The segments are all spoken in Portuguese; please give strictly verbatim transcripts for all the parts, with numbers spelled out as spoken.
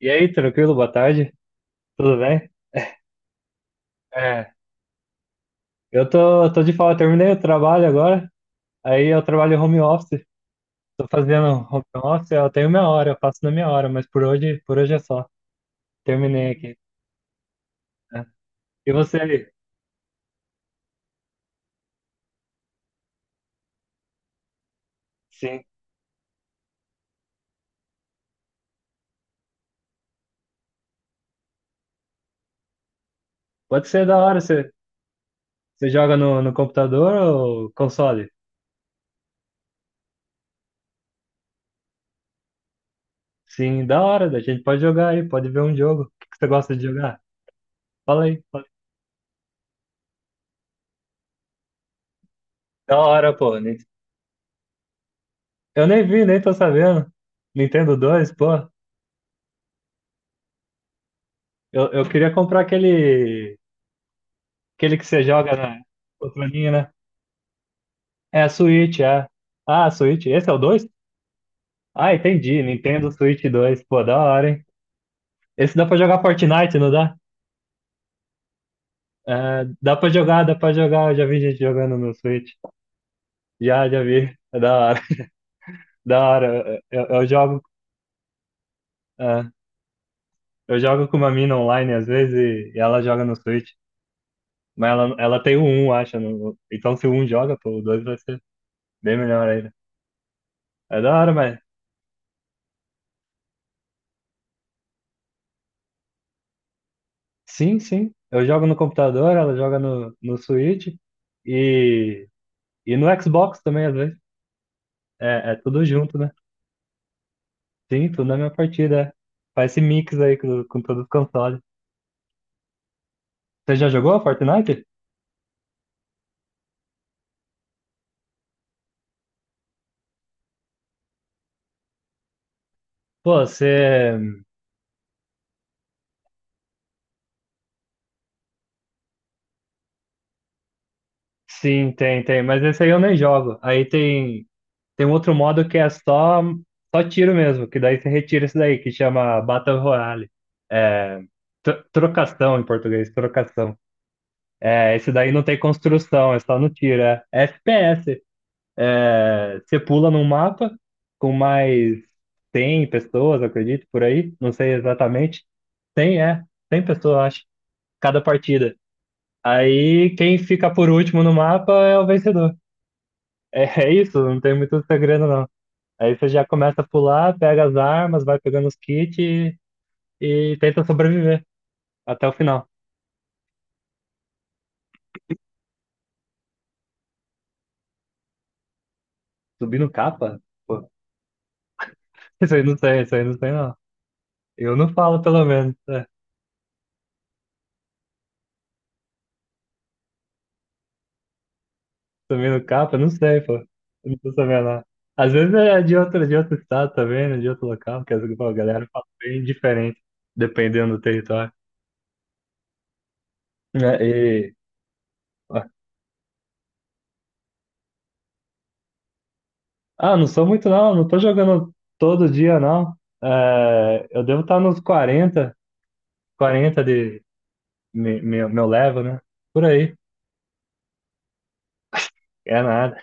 E aí, tranquilo? Boa tarde. Tudo bem? É, eu tô, tô de fala, terminei o trabalho agora. Aí eu trabalho home office. Tô fazendo home office, eu tenho minha hora, eu faço na minha hora, mas por hoje, por hoje é só. Terminei aqui. Né? E você aí? Sim. Pode ser da hora, você, você joga no, no computador ou console? Sim, da hora, a gente pode jogar aí, pode ver um jogo. O que que você gosta de jogar? Fala aí. Fala aí. Da hora, pô. nem- Eu nem vi, nem tô sabendo. Nintendo dois, pô. Eu, eu queria comprar aquele, aquele que você joga na controlinha, né? É a Switch, é. Ah, a Switch. Esse é o dois? Ah, entendi. Nintendo Switch dois, pô, da hora, hein? Esse dá pra jogar Fortnite, não dá? É, dá pra jogar, dá pra jogar. Eu já vi gente jogando no Switch. Já, já vi. É da hora. Da hora. Eu, eu jogo, é, eu jogo com uma mina online às vezes e, e ela joga no Switch. Mas ela, ela tem o um acho. No- então se o um joga, pô, o dois vai ser bem melhor ainda. É da hora, mas. Sim, sim. Eu jogo no computador, ela joga no, no Switch e, e no Xbox também, às vezes. É, é tudo junto, né? Sim, tudo na minha partida. É. Faz esse mix aí com, com todos os consoles. Você já jogou Fortnite? Pô, você. Sim, tem, tem. Mas esse aí eu nem jogo. Aí tem, tem um outro modo que é só, só tiro mesmo, que daí você retira isso daí, que chama Battle Royale. É, tro- trocação em português, trocação. É, esse daí não tem construção, é só no tiro. É, é F P S. É, você pula num mapa com mais cem pessoas, eu acredito, por aí. Não sei exatamente. cem, é. cem pessoas, eu acho. Cada partida. Aí quem fica por último no mapa é o vencedor. É, é isso, não tem muito segredo, não. Aí você já começa a pular, pega as armas, vai pegando os kits e, e tenta sobreviver até o final. Subindo capa? Pô, isso aí não tem, isso aí não tem, não. Eu não falo, pelo menos. Subindo capa? Não sei, pô. Eu não tô sabendo lá. Às vezes é de outro, de outro estado também, né? De outro local, porque às vezes, pô, a galera fala bem diferente, dependendo do território. Né? E... Ah, não sou muito não, não tô jogando todo dia não. É, eu devo estar nos quarenta quarenta de me- meu, meu level, né? Por aí, é nada.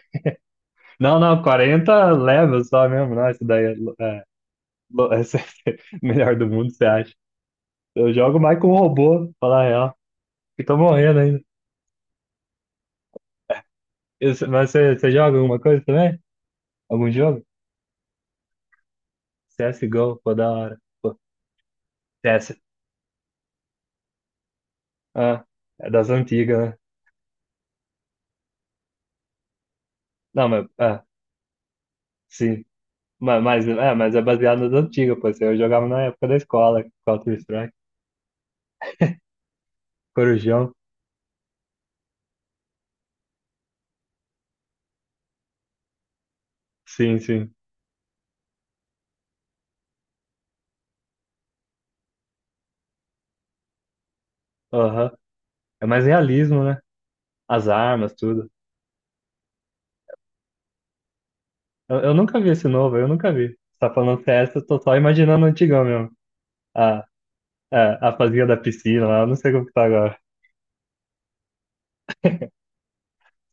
Não, não, quarenta level só mesmo, não, isso daí é, lo- é, lo- esse é o melhor do mundo, você acha? Eu jogo mais com um robô, falar a real, que tô morrendo ainda. Eu- Mas você, você joga alguma coisa também? Algum jogo? C S G O, pô, da hora. Pô, C S. Ah, é das antigas, né? Não, mas, ah, sim. Mas, mas, é, mas é baseado nas antigas, pô. Isso aí eu jogava na época da escola, Counter-Strike, Corujão. Sim, sim. Aham. É mais realismo, né? As armas, tudo. Eu, eu nunca vi esse novo, eu nunca vi. Você tá falando C S, eu tô só imaginando o antigão mesmo. Ah, é, a fazia da piscina lá, eu não sei como que tá agora.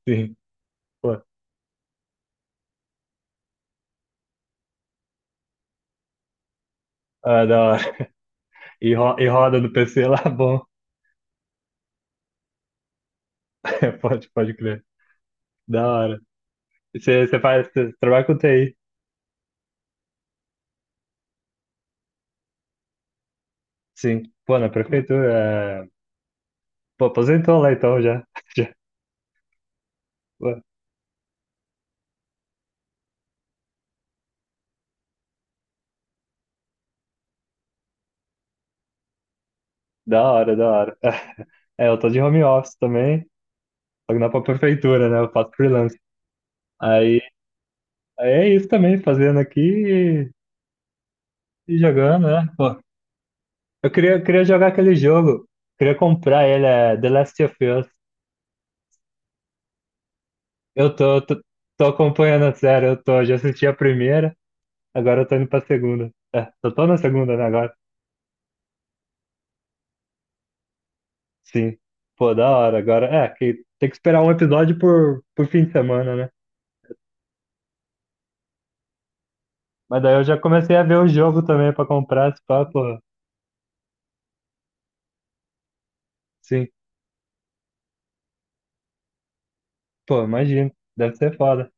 Sim, pô. Ah, da hora. E, ro- e roda no P C lá, bom. É, pode, pode crer. Da hora. Você você faz, você trabalha com T I. Sim. Pô, na prefeitura. É. Pô, aposentou lá então já. Já. Pô, da hora, da hora. É, eu tô de home office também, só que não é pra prefeitura, né? Eu faço freelance. Aí, aí é isso também, fazendo aqui e, e jogando, né? Pô, eu queria, eu queria jogar aquele jogo, queria comprar ele, é The Last of Us. Eu tô, tô, tô acompanhando a série, eu tô, já assisti a primeira. Agora eu tô indo pra segunda. É, só tô na segunda, né, agora? Sim. Pô, da hora. Agora, é, que tem que esperar um episódio por, por fim de semana, né? Mas daí eu já comecei a ver o jogo também pra comprar, se pá, pô. Sim. Pô, imagino. Deve ser foda.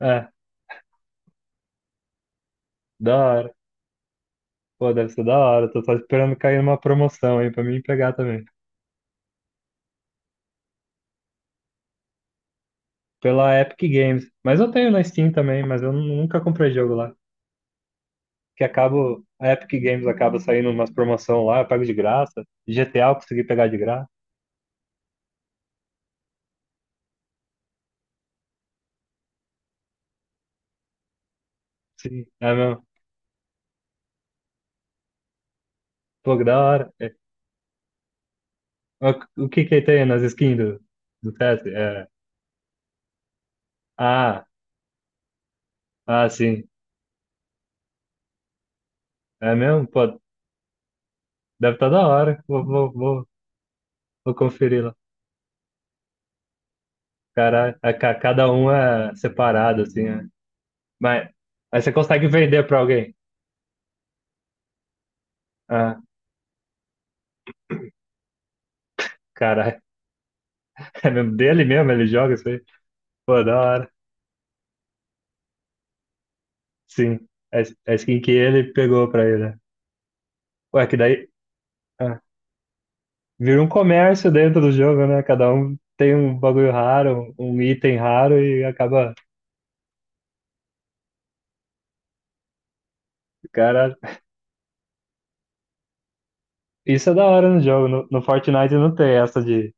É, da hora. Pô, deve ser da hora. Tô só esperando cair numa promoção aí pra mim pegar também. Pela Epic Games. Mas eu tenho na Steam também, mas eu nu- nunca comprei jogo lá. Que acabo, a Epic Games acaba saindo umas promoção lá, eu pego de graça. G T A eu consegui pegar de graça. Sim, é mesmo. Pô, que da hora. É, ó, o que que tem nas skins do, do Tetris? É, ah, ah, sim. É mesmo? Pô, deve estar da hora. Vou, vou, vou, vou conferir lá. Caralho, é ca- cada um é separado, assim, né? Mas aí você consegue vender pra alguém. Ah, caralho. É mesmo dele mesmo? Ele joga isso aí? Pô, da hora. Sim. É, é skin que ele pegou pra ele, né? Ué, que daí ah, vira um comércio dentro do jogo, né? Cada um tem um bagulho raro, um um item raro e acaba. O cara. Isso é da hora no jogo. No, no Fortnite não tem essa de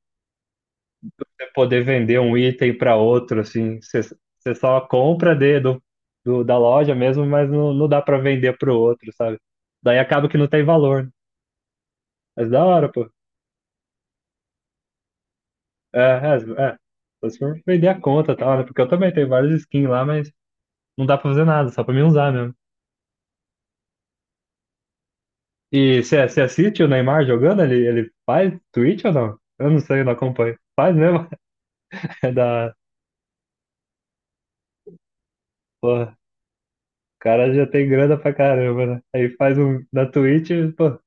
você poder vender um item para outro, assim. Você, você só compra de, do, do- da loja mesmo, mas não, não dá para vender pro outro, sabe? Daí acaba que não tem valor. Né? Mas da hora, pô. É, é, é. Só se for vender a conta, e tal, né? Porque eu também tenho vários skins lá, mas não dá pra fazer nada, só pra mim usar mesmo. E você você assiste o Neymar jogando? Ele, ele faz Twitch ou não? Eu não sei, não acompanho. Faz mesmo? É da. Porra. O cara já tem grana pra caramba, né? Aí faz um na Twitch, pô, o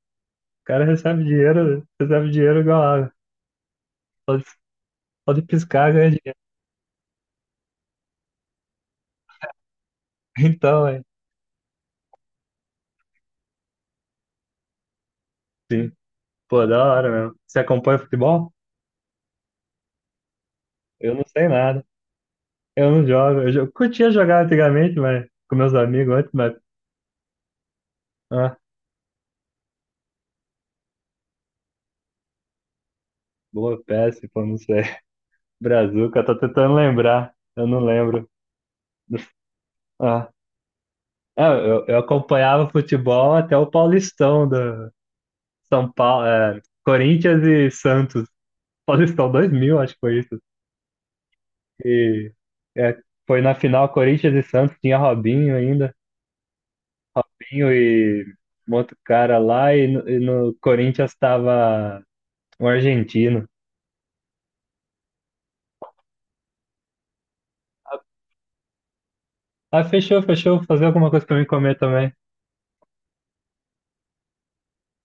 cara recebe dinheiro, né? Recebe dinheiro igual água. Pode, pode piscar, ganha dinheiro. Então, é. Sim. Pô, da hora mesmo. Você acompanha futebol? Eu não sei nada. Eu não jogo. Eu jo- curtia jogar antigamente, mas com meus amigos antes, mas. Ah, boa peça, pô, não sei. Brazuca, tô tentando lembrar. Eu não lembro. Ah, é, eu, eu acompanhava futebol até o Paulistão do São Paulo, é, Corinthians e Santos. Paulistão dois mil acho que foi isso. E, é, foi na final Corinthians e Santos, tinha Robinho ainda, Pinho e um outro cara lá, e no, e no Corinthians tava um argentino. Ah, fechou, fechou, fazer alguma coisa pra mim comer também.